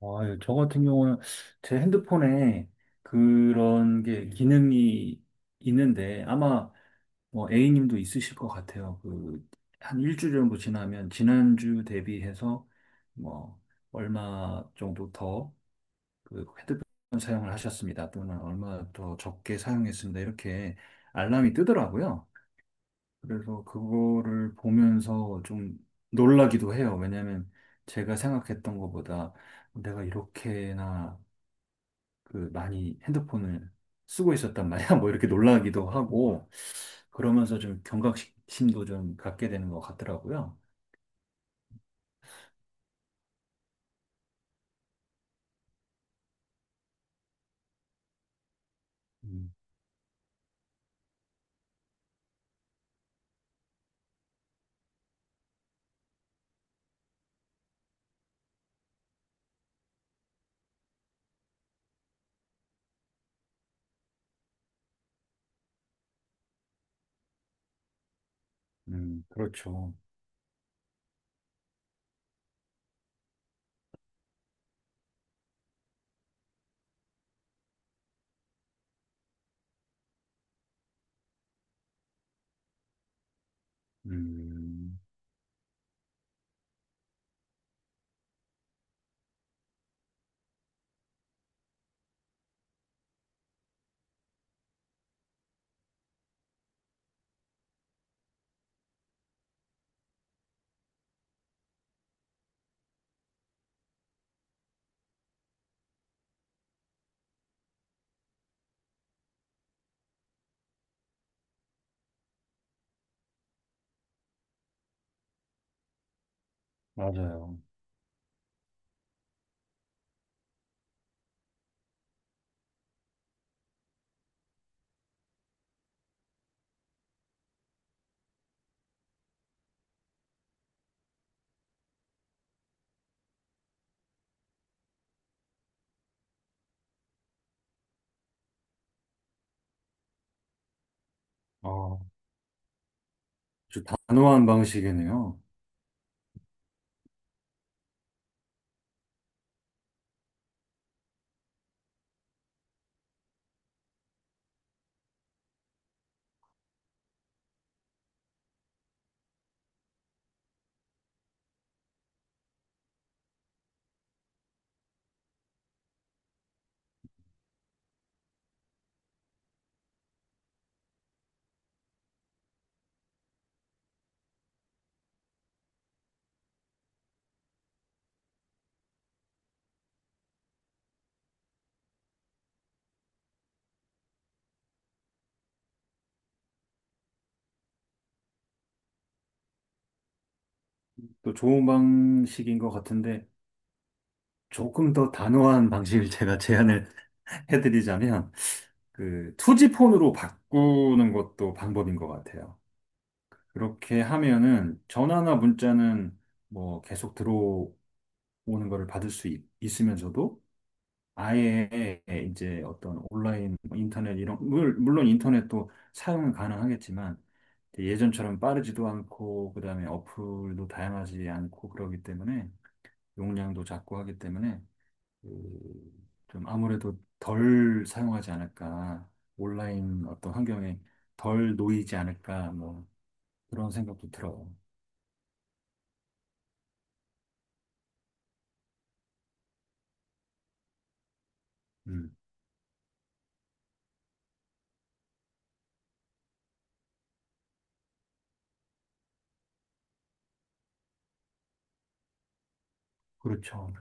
아, 예, 저 같은 경우는 제 핸드폰에 그런 게 기능이 있는데 아마 뭐 A님도 있으실 것 같아요. 그 한 일주일 정도 지나면 지난주 대비해서 뭐 얼마 정도 더그 핸드폰 사용을 하셨습니다. 또는 얼마 더 적게 사용했습니다. 이렇게 알람이 뜨더라고요. 그래서 그거를 보면서 좀 놀라기도 해요. 왜냐면 제가 생각했던 것보다 내가 이렇게나 그 많이 핸드폰을 쓰고 있었단 말이야. 뭐 이렇게 놀라기도 하고 그러면서 좀 경각심도 좀 갖게 되는 것 같더라고요. 음, 그렇죠. 음, 맞아요. 아, 아주 단호한 방식이네요. 또 좋은 방식인 것 같은데 조금 더 단호한 방식을 제가 제안을 해드리자면 그 투지폰으로 바꾸는 것도 방법인 것 같아요. 그렇게 하면은 전화나 문자는 뭐 계속 들어오는 것을 받을 수 있으면서도 아예 이제 어떤 온라인 뭐 인터넷 이런 물론 인터넷도 사용은 가능하겠지만 예전처럼 빠르지도 않고 그다음에 어플도 다양하지 않고 그러기 때문에 용량도 작고 하기 때문에 그, 좀 아무래도 덜 사용하지 않을까, 온라인 어떤 환경에 덜 놓이지 않을까, 뭐 그런 생각도 들어요. 음, 그렇죠.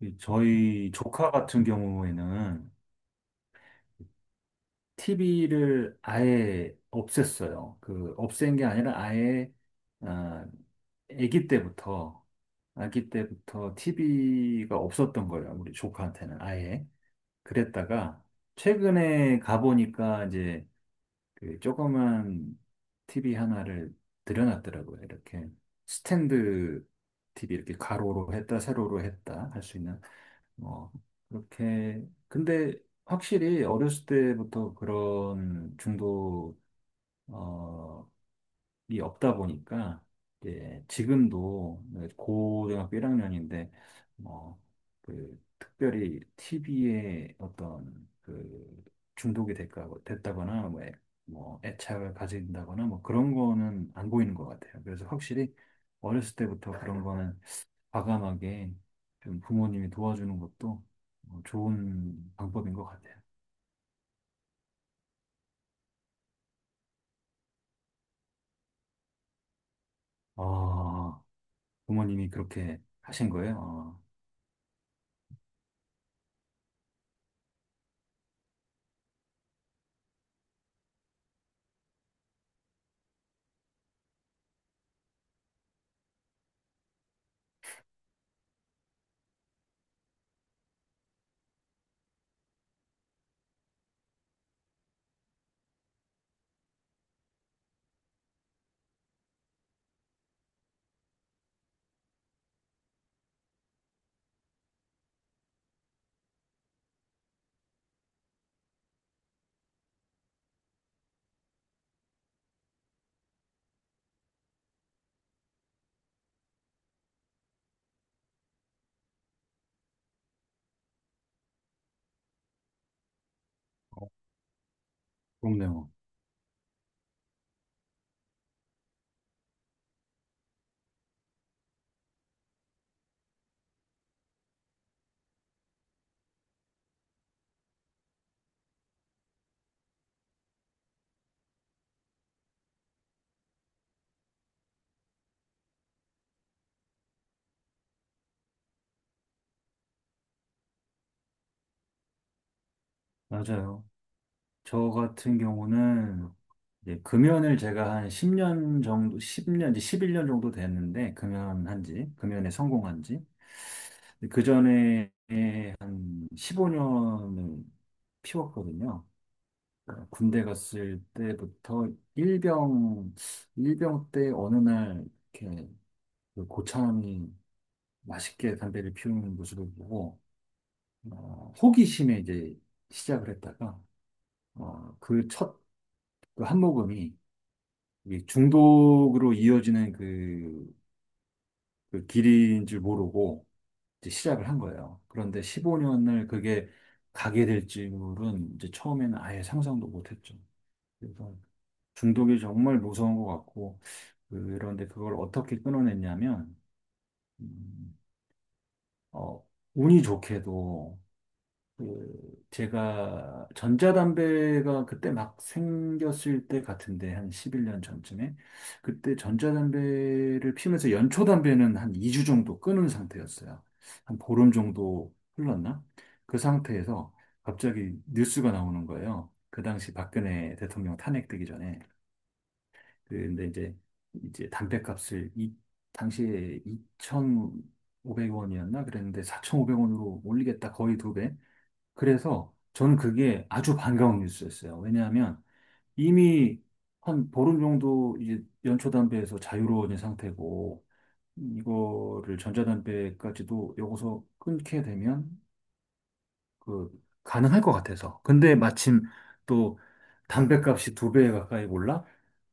이 저희 조카 같은 경우에는 TV를 아예 없앴어요. 그 없앤 게 아니라 아예 아, 아기 때부터 아기 때부터 TV가 없었던 거예요. 우리 조카한테는 아예 그랬다가 최근에 가보니까 이제 그 조그만 TV 하나를 들여놨더라고요. 이렇게 스탠드 TV 이렇게 가로로 했다, 세로로 했다 할 수 있는 뭐 그렇게 근데 확실히 어렸을 때부터 그런 중독 이 없다 보니까 이제 지금도 고등학교 1학년인데 뭐그 특별히 TV에 어떤 그 중독이 될까 됐다거나 뭐, 뭐 애착을 가진다거나 뭐 그런 거는 안 보이는 것 같아요. 그래서 확실히 어렸을 때부터 그런 거는 과감하게 좀 부모님이 도와주는 것도 뭐 좋은 방법인 것 같아요. 아, 부모님이 그렇게 하신 거예요? 아, 부럽네요. 맞아요. 저 같은 경우는 이제 금연을 제가 한 10년 정도, 10년, 이제 11년 정도 됐는데, 금연한 지, 금연에 성공한 지. 그 전에 한 15년을 피웠거든요. 그러니까 군대 갔을 때부터 일병, 일병 때 어느 날 이렇게 그 고참이 맛있게 담배를 피우는 모습을 보고, 호기심에 이제 시작을 했다가, 그 첫 그 한 모금이 이게 중독으로 이어지는 그, 그 길인 줄 모르고 이제 시작을 한 거예요. 그런데 15년을 그게 가게 될 줄은 이제 처음에는 아예 상상도 못했죠. 그래서 중독이 정말 무서운 것 같고 그런데 그걸 어떻게 끊어냈냐면 음, 어, 운이 좋게도 그 제가 전자담배가 그때 막 생겼을 때 같은데 한 11년 전쯤에 그때 전자담배를 피면서 연초담배는 한 2주 정도 끊은 상태였어요. 한 보름 정도 흘렀나? 그 상태에서 갑자기 뉴스가 나오는 거예요. 그 당시 박근혜 대통령 탄핵되기 전에 근데 이제 담배값을 이 당시에 2,500원이었나 그랬는데 4,500원으로 올리겠다 거의 두 배. 그래서 저는 그게 아주 반가운 뉴스였어요. 왜냐하면 이미 한 보름 정도 이제 연초담배에서 자유로운 상태고 이거를 전자담배까지도 여기서 끊게 되면 그 가능할 것 같아서. 근데 마침 또 담배값이 두 배 가까이 올라?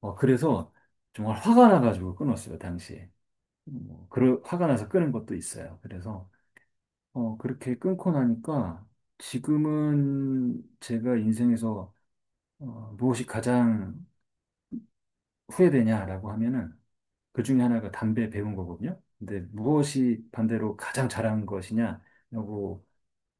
어, 그래서 정말 화가 나가지고 끊었어요, 당시에. 뭐, 화가 나서 끊은 것도 있어요. 그래서 어, 그렇게 끊고 나니까 지금은 제가 인생에서 어, 무엇이 가장 후회되냐라고 하면은 그 중에 하나가 담배 배운 거거든요. 근데 무엇이 반대로 가장 잘한 것이냐라고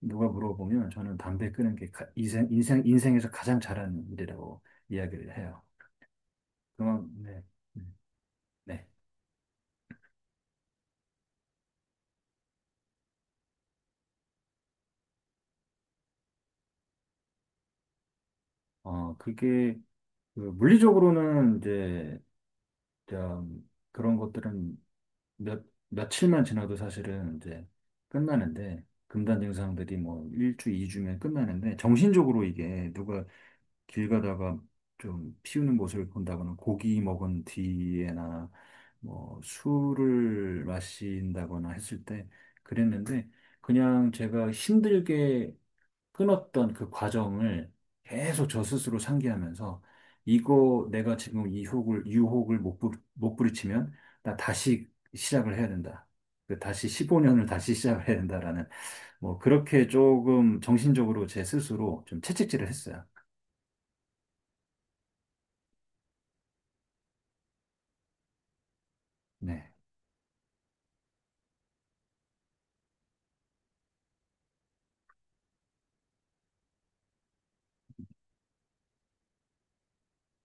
누가 물어보면 저는 담배 끊은 게 인생, 인생, 인생에서 가장 잘한 일이라고 이야기를 해요. 그만, 네. 음, 네. 어, 그게 그 물리적으로는 이제 좀 그런 것들은 몇, 며칠만 지나도 사실은 이제 끝나는데, 금단 증상들이 뭐 1주, 2주면 끝나는데, 정신적으로 이게 누가 길 가다가 좀 피우는 모습을 본다거나, 고기 먹은 뒤에나, 뭐 술을 마신다거나 했을 때 그랬는데, 그냥 제가 힘들게 끊었던 그 과정을 계속 저 스스로 상기하면서 이거 내가 지금 유혹을 못 부딪히면 나 다시 시작을 해야 된다. 그 다시 15년을 다시 시작을 해야 된다라는 뭐 그렇게 조금 정신적으로 제 스스로 좀 채찍질을 했어요. 네.